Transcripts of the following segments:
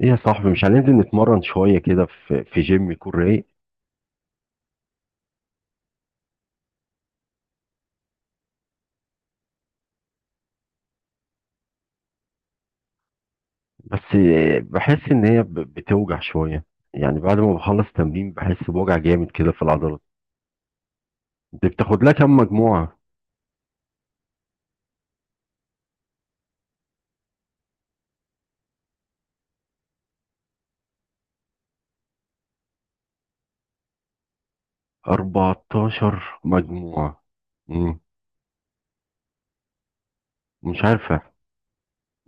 ايه يا صاحبي، مش هننزل نتمرن شوية كده في جيم يكون رايق؟ بس بحس ان هي بتوجع شوية. يعني بعد ما بخلص تمرين بحس بوجع جامد كده في العضلات. انت بتاخد لها كام مجموعة؟ 14 مجموعة؟ مم. مش عارفة،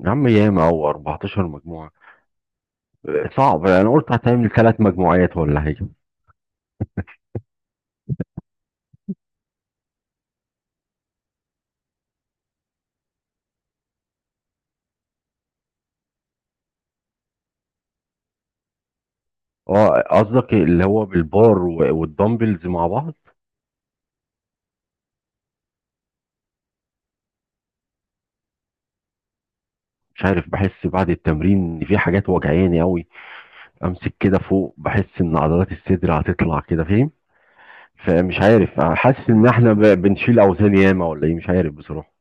يا عم ياما او 14 مجموعة. آه، صعب. انا قلت هتعمل 3 مجموعات ولا حاجة. اه، قصدك اللي هو بالبار والدمبلز مع بعض؟ مش عارف، بحس بعد التمرين ان في حاجات وجعاني قوي. امسك كده فوق، بحس ان عضلات الصدر هتطلع كده، فاهم؟ فمش عارف، حاسس ان احنا بنشيل اوزان ياما ولا ايه، مش عارف بصراحه.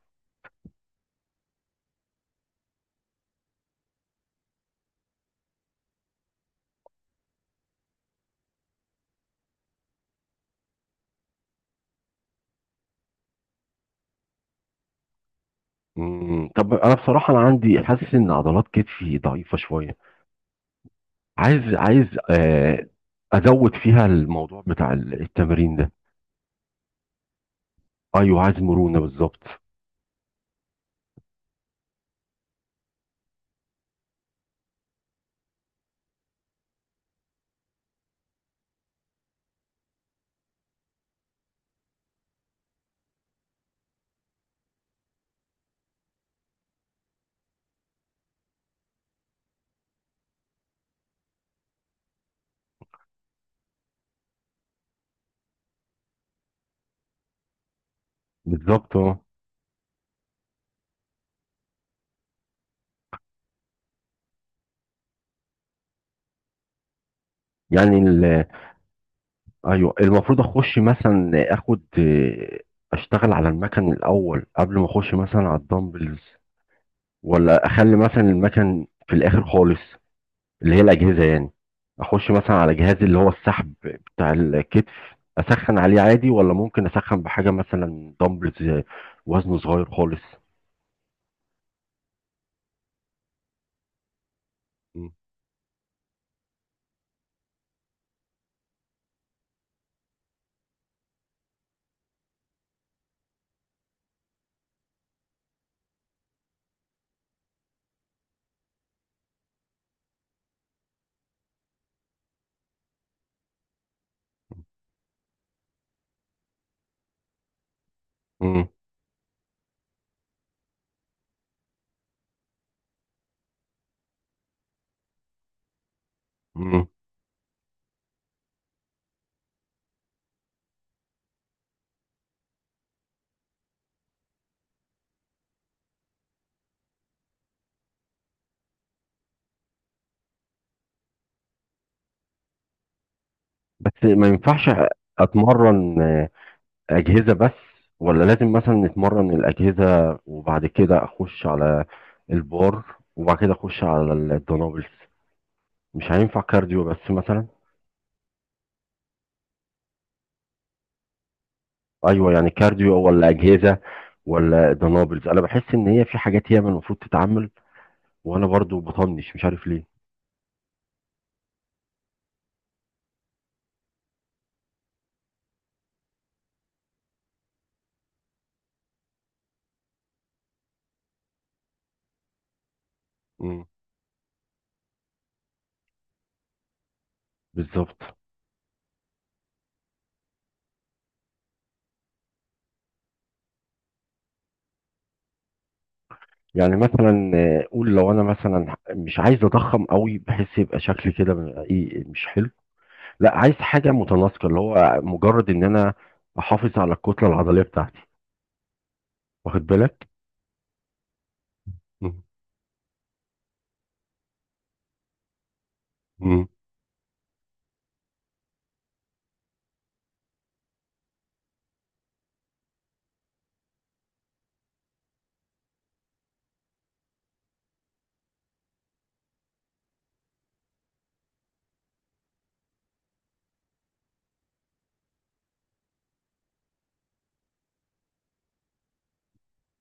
مم. طب انا بصراحه، انا عندي حاسس ان عضلات كتفي ضعيفه شويه. عايز ازود فيها الموضوع بتاع التمرين ده. ايوه، عايز مرونه بالظبط. بالظبط اه. يعني ايوه، المفروض اخش مثلا اخد، اشتغل على المكن الاول قبل ما اخش مثلا على الدمبلز، ولا اخلي مثلا المكن في الاخر خالص؟ اللي هي الاجهزه يعني. اخش مثلا على جهاز اللي هو السحب بتاع الكتف، اسخن عليه عادي، ولا ممكن اسخن بحاجه مثلا دمبلز وزنه صغير خالص؟ مم. مم. مم. بس ما ينفعش اتمرن، اجهزه بس؟ ولا لازم مثلا اتمرن الاجهزه وبعد كده اخش على البار، وبعد كده اخش على الدنابلز؟ مش هينفع كارديو بس مثلا؟ ايوه، يعني كارديو ولا اجهزه ولا دنابلز؟ انا بحس ان هي في حاجات هي من المفروض تتعمل وانا برضو بطنش، مش عارف ليه. امم بالظبط. يعني مثلا، قول لو انا مثلا مش عايز اضخم قوي بحس يبقى شكلي كده ايه مش حلو. لا، عايز حاجه متناسقه، اللي هو مجرد ان انا احافظ على الكتله العضليه بتاعتي، واخد بالك؟ مم. مم.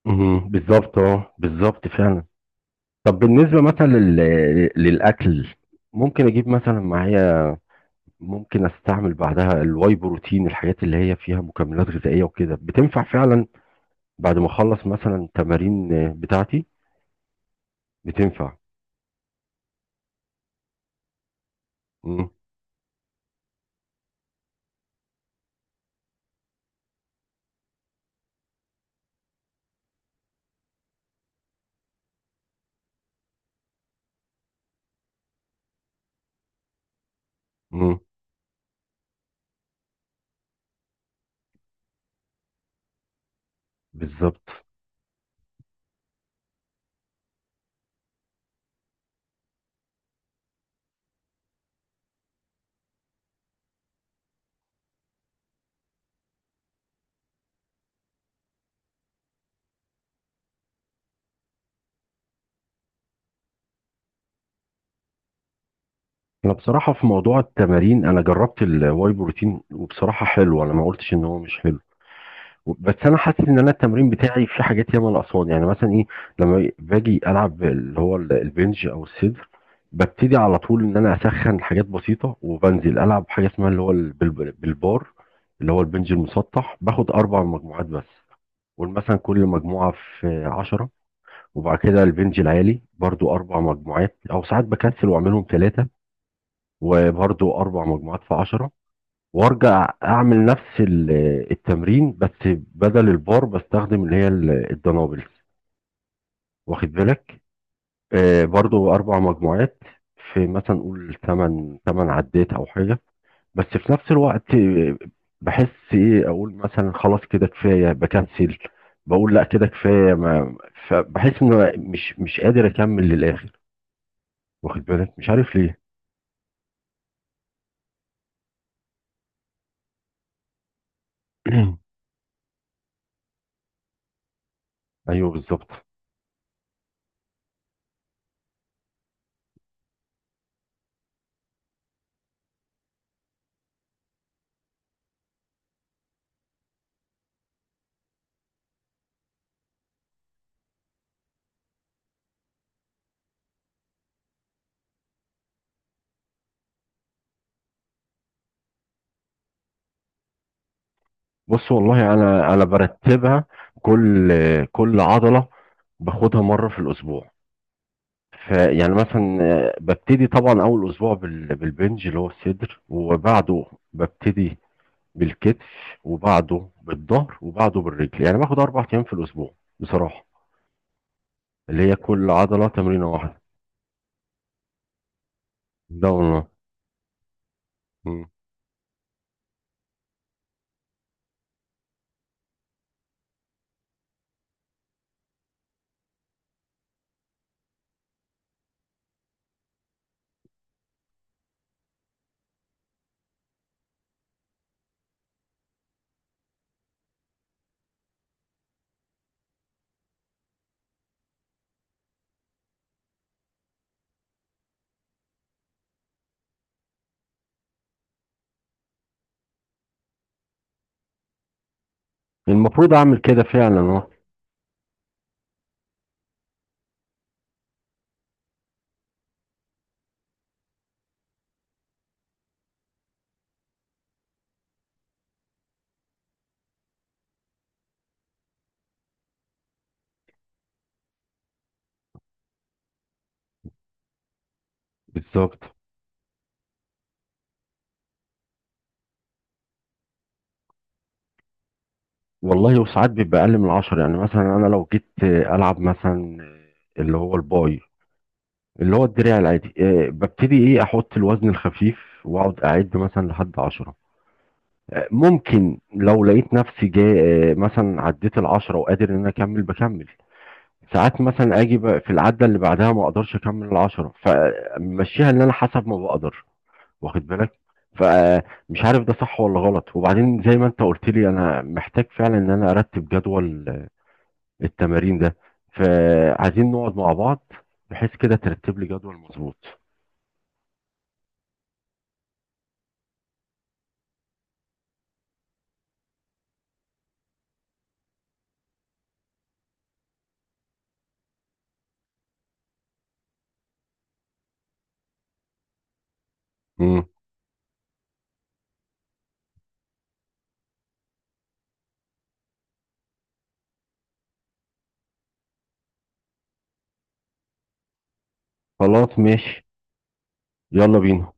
مم. بالظبط اه، بالظبط فعلا. طب بالنسبه مثلا للاكل، ممكن اجيب مثلا معايا؟ ممكن استعمل بعدها الواي بروتين، الحاجات اللي هي فيها مكملات غذائية وكده بتنفع فعلا بعد ما اخلص مثلا تمارين بتاعتي؟ بتنفع؟ مم. مم. بالظبط. انا بصراحة في موضوع التمارين، انا جربت الواي بروتين وبصراحة حلو، انا ما قلتش ان هو مش حلو. بس انا حاسس ان انا التمرين بتاعي في حاجات ياما ناقصاني، يعني مثلا ايه. لما باجي العب اللي هو البنج او الصدر، ببتدي على طول ان انا اسخن حاجات بسيطه، وبنزل العب حاجه اسمها اللي هو بالبار، اللي هو البنج المسطح، باخد 4 مجموعات بس. قول مثلا كل مجموعه في 10، وبعد كده البنج العالي برضو 4 مجموعات، او ساعات بكسل واعملهم 3، وبرضو 4 مجموعات في 10. وارجع اعمل نفس التمرين، بس بدل البار بستخدم اللي هي الدنابلز، واخد بالك. آه، برضو 4 مجموعات في مثلا نقول ثمان عدات او حاجه. بس في نفس الوقت، بحس ايه اقول مثلا خلاص كده كفايه، بكنسل. بقول لا كده كفايه ما. فبحس ان أنا مش قادر اكمل للاخر، واخد بالك، مش عارف ليه. ايوه، بالظبط. بص والله، انا برتبها. كل كل عضله باخدها مره في الاسبوع. فيعني مثلا، ببتدي طبعا اول اسبوع بالبنج اللي هو الصدر، وبعده ببتدي بالكتف، وبعده بالظهر، وبعده بالرجل، يعني باخد 4 ايام في الاسبوع بصراحه، اللي هي كل عضله تمرينه واحده. ده والله. مم. المفروض اعمل كده فعلا، اه. بالظبط والله، وساعات بيبقى اقل من 10. يعني مثلا انا لو جيت، العب مثلا، اللي هو الباي، اللي هو الدراع العادي، ببتدي، ايه، احط الوزن الخفيف، واقعد اعد مثلا لحد 10. ممكن لو لقيت نفسي جاي، مثلا عديت العشرة وقادر ان انا اكمل، بكمل. ساعات مثلا اجي بقى في العدة اللي بعدها ما اقدرش اكمل العشرة، فمشيها ان انا حسب ما بقدر، واخد بالك. فمش عارف ده صح ولا غلط، وبعدين زي ما انت قلت لي، انا محتاج فعلا ان انا ارتب جدول التمارين ده، فعايزين نقعد مع بعض، بحيث كده ترتب لي جدول مظبوط. مم. خلاص، ماشي. يلا بينا.